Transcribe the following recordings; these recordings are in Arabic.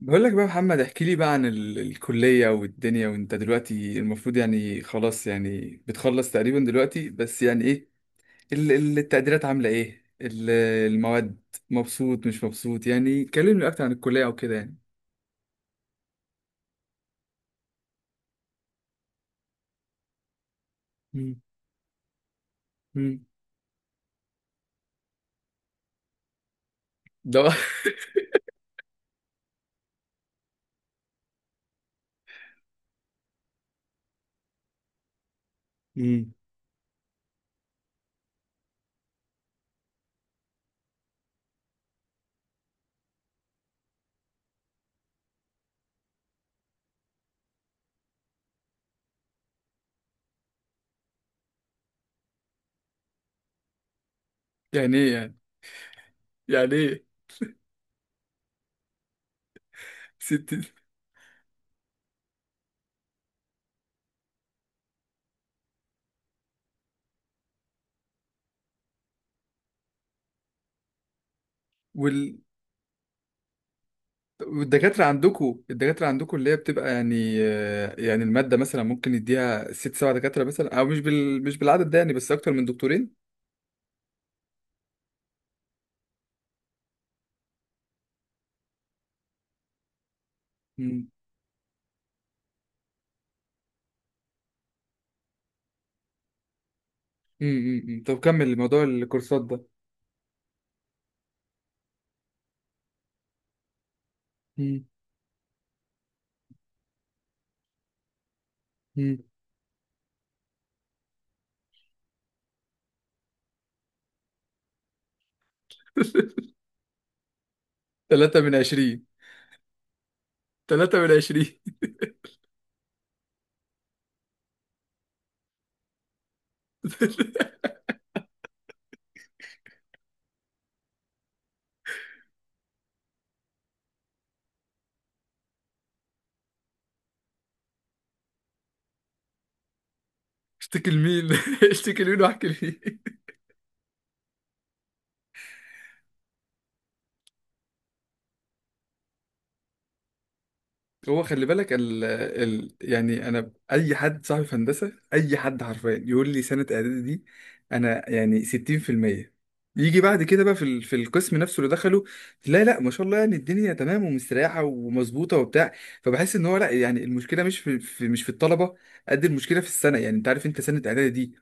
بقول لك بقى يا محمد، احكي لي بقى عن الكلية والدنيا، وانت دلوقتي المفروض يعني خلاص، يعني بتخلص تقريبا دلوقتي. بس يعني ايه التقديرات؟ عاملة ايه المواد؟ مبسوط مش مبسوط؟ يعني كلمني اكتر عن الكلية او كده يعني. مم. مم. ده مم. يعني ايه يعني ايه ست وال... والدكاترة عندكم، الدكاترة عندكم اللي هي بتبقى يعني، يعني المادة مثلا ممكن يديها 6 7 دكاترة مثلا، او مش مش بالعدد ده، يعني بس اكتر من دكتورين. مم، مم، مم. طب كمل موضوع الكورسات ده. مم، مم. 3 من 20. 3 من 20. اشتكي لمين؟ اشتكي لمين واحكي لمين؟ هو خلي بالك يعني انا اي حد صاحبي في هندسه، اي حد حرفيا يقول لي سنه اعدادي دي. انا يعني 60% يجي بعد كده بقى في في القسم نفسه اللي دخله، لا لا، ما شاء الله، يعني الدنيا تمام ومستريحه ومظبوطه وبتاع. فبحس ان هو لا، يعني المشكله مش في، مش في الطلبه. قد المشكله في السنه. يعني انت عارف انت سنه اعدادي،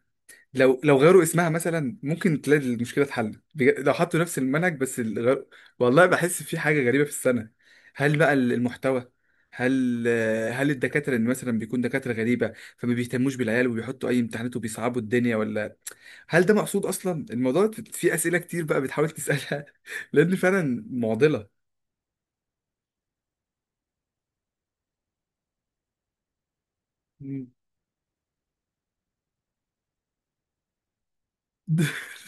لو غيروا اسمها مثلا ممكن تلاقي المشكله اتحلت. لو حطوا نفس المنهج بس والله بحس في حاجه غريبه في السنه. هل بقى المحتوى؟ هل هل الدكاتره اللي مثلا بيكون دكاتره غريبه فما بيهتموش بالعيال وبيحطوا اي امتحانات وبيصعبوا الدنيا، ولا هل ده مقصود اصلا؟ الموضوع في اسئله كتير بقى بتحاول تسالها، لان فعلا معضله. مم.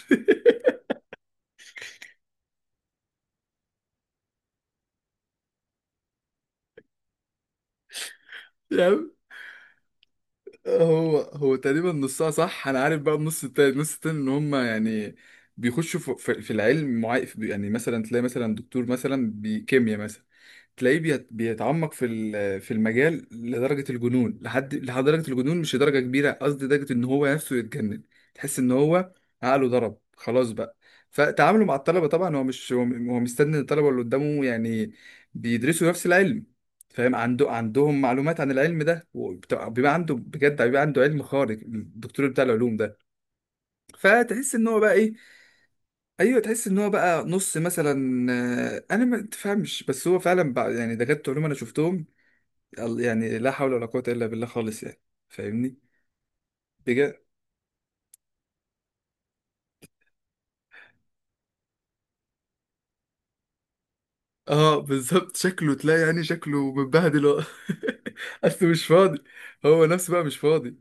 يعني هو تقريبا نصها صح. انا عارف بقى، النص التاني، النص التاني ان هم يعني بيخشوا في العلم معين. يعني مثلا تلاقي مثلا دكتور مثلا بكيمياء مثلا، تلاقيه بيتعمق في في المجال لدرجة الجنون، لحد درجة الجنون، مش درجة كبيرة، قصدي درجة ان هو نفسه يتجنن. تحس ان هو عقله ضرب خلاص بقى. فتعامله مع الطلبة، طبعا هو مش، هو مستني الطلبة اللي قدامه يعني بيدرسوا نفس العلم، فاهم؟ عندهم معلومات عن العلم ده، بيبقى عنده بجد، بيبقى عنده علم خارق الدكتور بتاع العلوم ده. فتحس ان هو بقى ايه؟ ايوه، تحس ان هو بقى نص مثلا. انا ما تفهمش، بس هو فعلا بقى، يعني دكاتره علوم انا شفتهم يعني لا حول ولا قوة إلا بالله خالص، يعني فاهمني؟ بجد. اه بالظبط، شكله تلاقي يعني شكله متبهدل هو. اصل مش فاضي. هو نفسه بقى مش فاضي.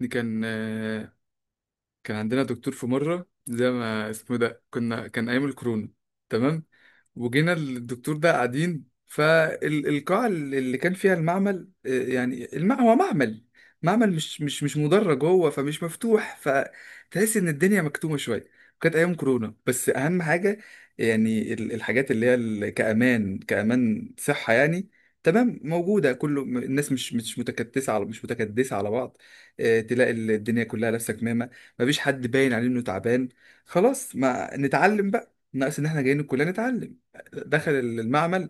دي كان، كان عندنا دكتور في مرة، زي ما اسمه ده، كنا كان أيام الكورونا، تمام. وجينا الدكتور ده قاعدين فالقاعة اللي كان فيها المعمل، يعني هو معمل، معمل مش مدرج هو، فمش مفتوح، فتحس إن الدنيا مكتومة شوية. كانت أيام كورونا، بس أهم حاجة يعني الحاجات اللي هي كأمان صحة، يعني تمام موجودة. كله الناس مش متكدسة على بعض. تلاقي الدنيا كلها لابسة كمامة، مفيش حد باين عليه انه تعبان. خلاص ما نتعلم بقى، ناقص ان احنا جايين الكليه نتعلم. دخل المعمل،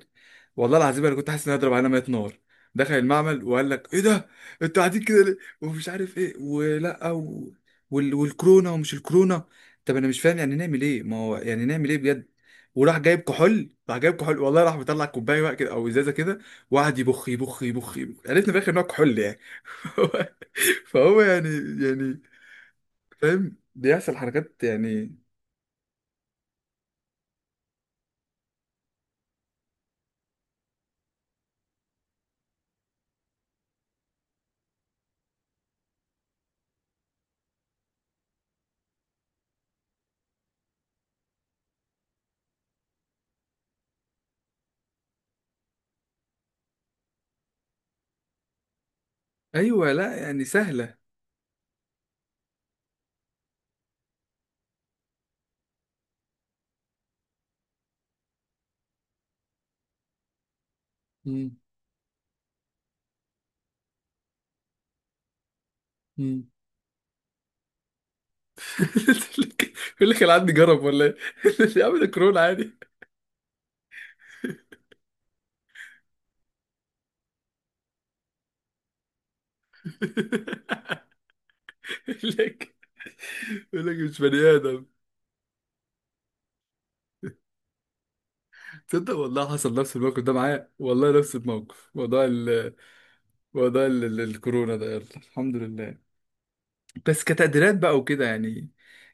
والله العظيم انا كنت حاسس ان انا هضرب على ميه نار. دخل المعمل وقال لك ايه ده، انتوا قاعدين كده ليه؟ ومش عارف ايه ولا والكورونا ومش الكورونا. طب انا مش فاهم يعني نعمل ايه؟ ما هو يعني نعمل ايه بجد؟ وراح جايب كحول، والله، راح مطلع كوبايه بقى كده او ازازه كده، وقعد يبخ يبخ يبخ يبخ. عرفنا في الاخر ان هو كحول يعني. فهو يعني فاهم بيحصل حركات يعني. ايوه لا يعني سهله. مم. مم. يقول لك العد جرب ولا ايه؟ يا عم ده كورونا عادي. يقول لك يقول لك مش بني ادم. تصدق والله حصل نفس الموقف ده معايا، والله نفس الموقف. موضوع الكورونا ده يلا الحمد لله. بس كتقديرات بقى وكده، يعني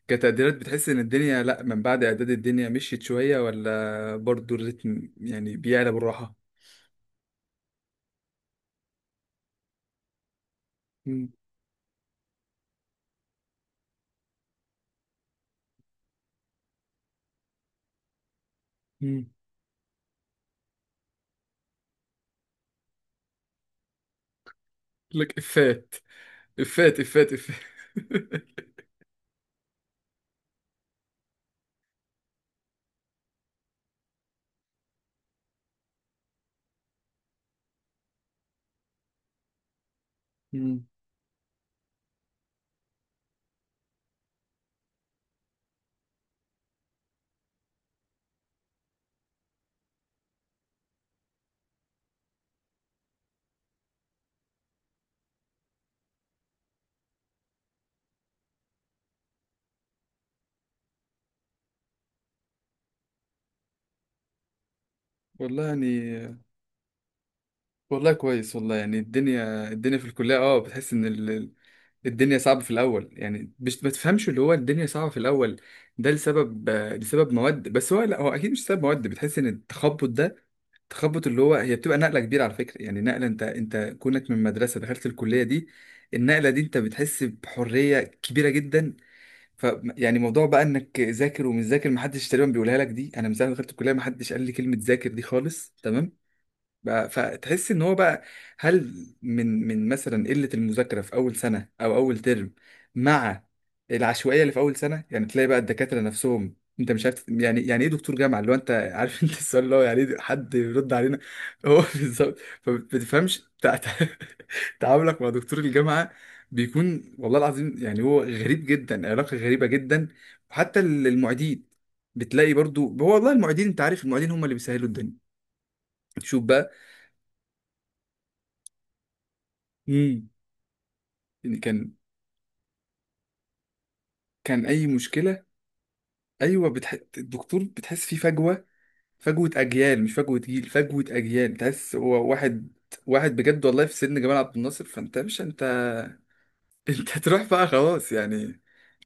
كتقديرات بتحس ان الدنيا لا، من بعد اعداد الدنيا مشيت شويه، ولا برضو الريتم يعني بيعلى بالراحه؟ مم. لك افات افات افات افات. مم. والله يعني، والله كويس والله، يعني الدنيا، الدنيا في الكلية اه بتحس ان الدنيا صعبة في الأول. يعني مش ما تفهمش اللي هو الدنيا صعبة في الأول ده لسبب، لسبب مواد. بس هو لا، هو أكيد مش سبب مواد. بتحس إن التخبط ده تخبط اللي هو، هي بتبقى نقلة كبيرة على فكرة، يعني نقلة، أنت كونك من مدرسة دخلت الكلية دي. النقلة دي أنت بتحس بحرية كبيرة جدا. ف يعني موضوع بقى انك ذاكر ومش ذاكر، محدش تقريبا بيقولها لك دي. انا من ساعه ما دخلت الكليه محدش قال لي كلمه ذاكر دي خالص، تمام. بقى فتحس ان هو بقى، هل من مثلا قلة المذاكرة في اول سنة او اول ترم، مع العشوائية اللي في اول سنة، يعني تلاقي بقى الدكاترة نفسهم انت مش عارف، يعني يعني ايه دكتور جامعة اللي هو انت؟ عارف انت السؤال اللي هو يعني ايه؟ حد يرد علينا. هو بالظبط. فما بتفهمش تعاملك مع دكتور الجامعة بيكون، والله العظيم يعني هو غريب جدا، علاقة غريبة جدا. وحتى المعيدين بتلاقي برضو هو، والله المعيدين انت عارف، المعيدين هم اللي بيسهلوا الدنيا. شوف بقى، يعني كان اي مشكله، ايوه الدكتور بتحس فيه فجوه، فجوه اجيال، مش فجوه جيل، فجوه اجيال. تحس هو واحد، واحد بجد والله في سن جمال عبد الناصر. فانت مش انت، انت هتروح بقى خلاص، يعني.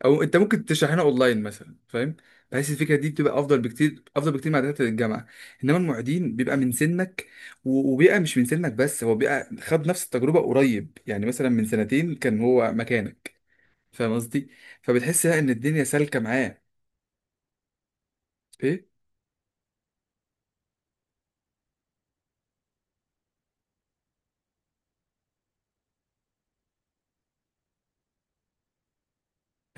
او انت ممكن تشرحنا اونلاين مثلا، فاهم؟ بحيث الفكره دي بتبقى افضل بكتير، افضل بكتير مع دكاتره الجامعه. انما المعيدين بيبقى من سنك، وبيبقى مش من سنك بس، هو بيبقى خد نفس التجربه قريب. يعني مثلا من سنتين كان هو مكانك، فاهم قصدي؟ فبتحس لا ان الدنيا سالكه معاه. ايه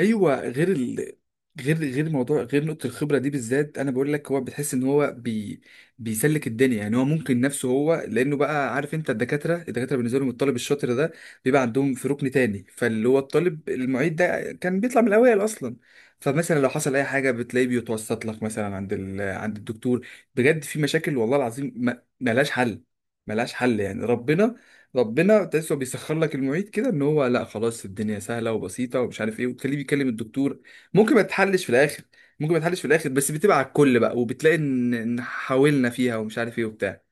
ايوه غير غير موضوع، غير نقطة الخبرة دي بالذات انا بقول لك، هو بتحس ان هو بيسلك الدنيا، يعني هو ممكن نفسه هو، لانه بقى عارف انت، الدكاترة بالنسبة لهم الطالب الشاطر ده بيبقى عندهم في ركن تاني، فاللي هو الطالب المعيد ده كان بيطلع من الاوائل اصلا. فمثلا لو حصل اي حاجة بتلاقيه بيتوسط لك مثلا عند عند الدكتور. بجد في مشاكل والله العظيم ما... ملهاش حل، ملهاش حل يعني ربنا تحسه بيسخر لك المعيد كده ان هو لا خلاص الدنيا سهله وبسيطه ومش عارف ايه، وتخليه بيكلم الدكتور. ممكن ما تحلش في الاخر، ممكن ما تحلش في الاخر، بس بتبقى على الكل بقى. وبتلاقي إن حاولنا فيها ومش عارف ايه وبتاع.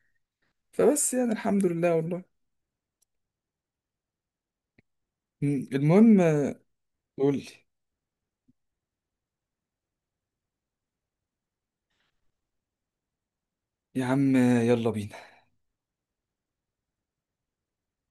فبس يعني الحمد لله والله. المهم، قول لي. يا عم يلا بينا.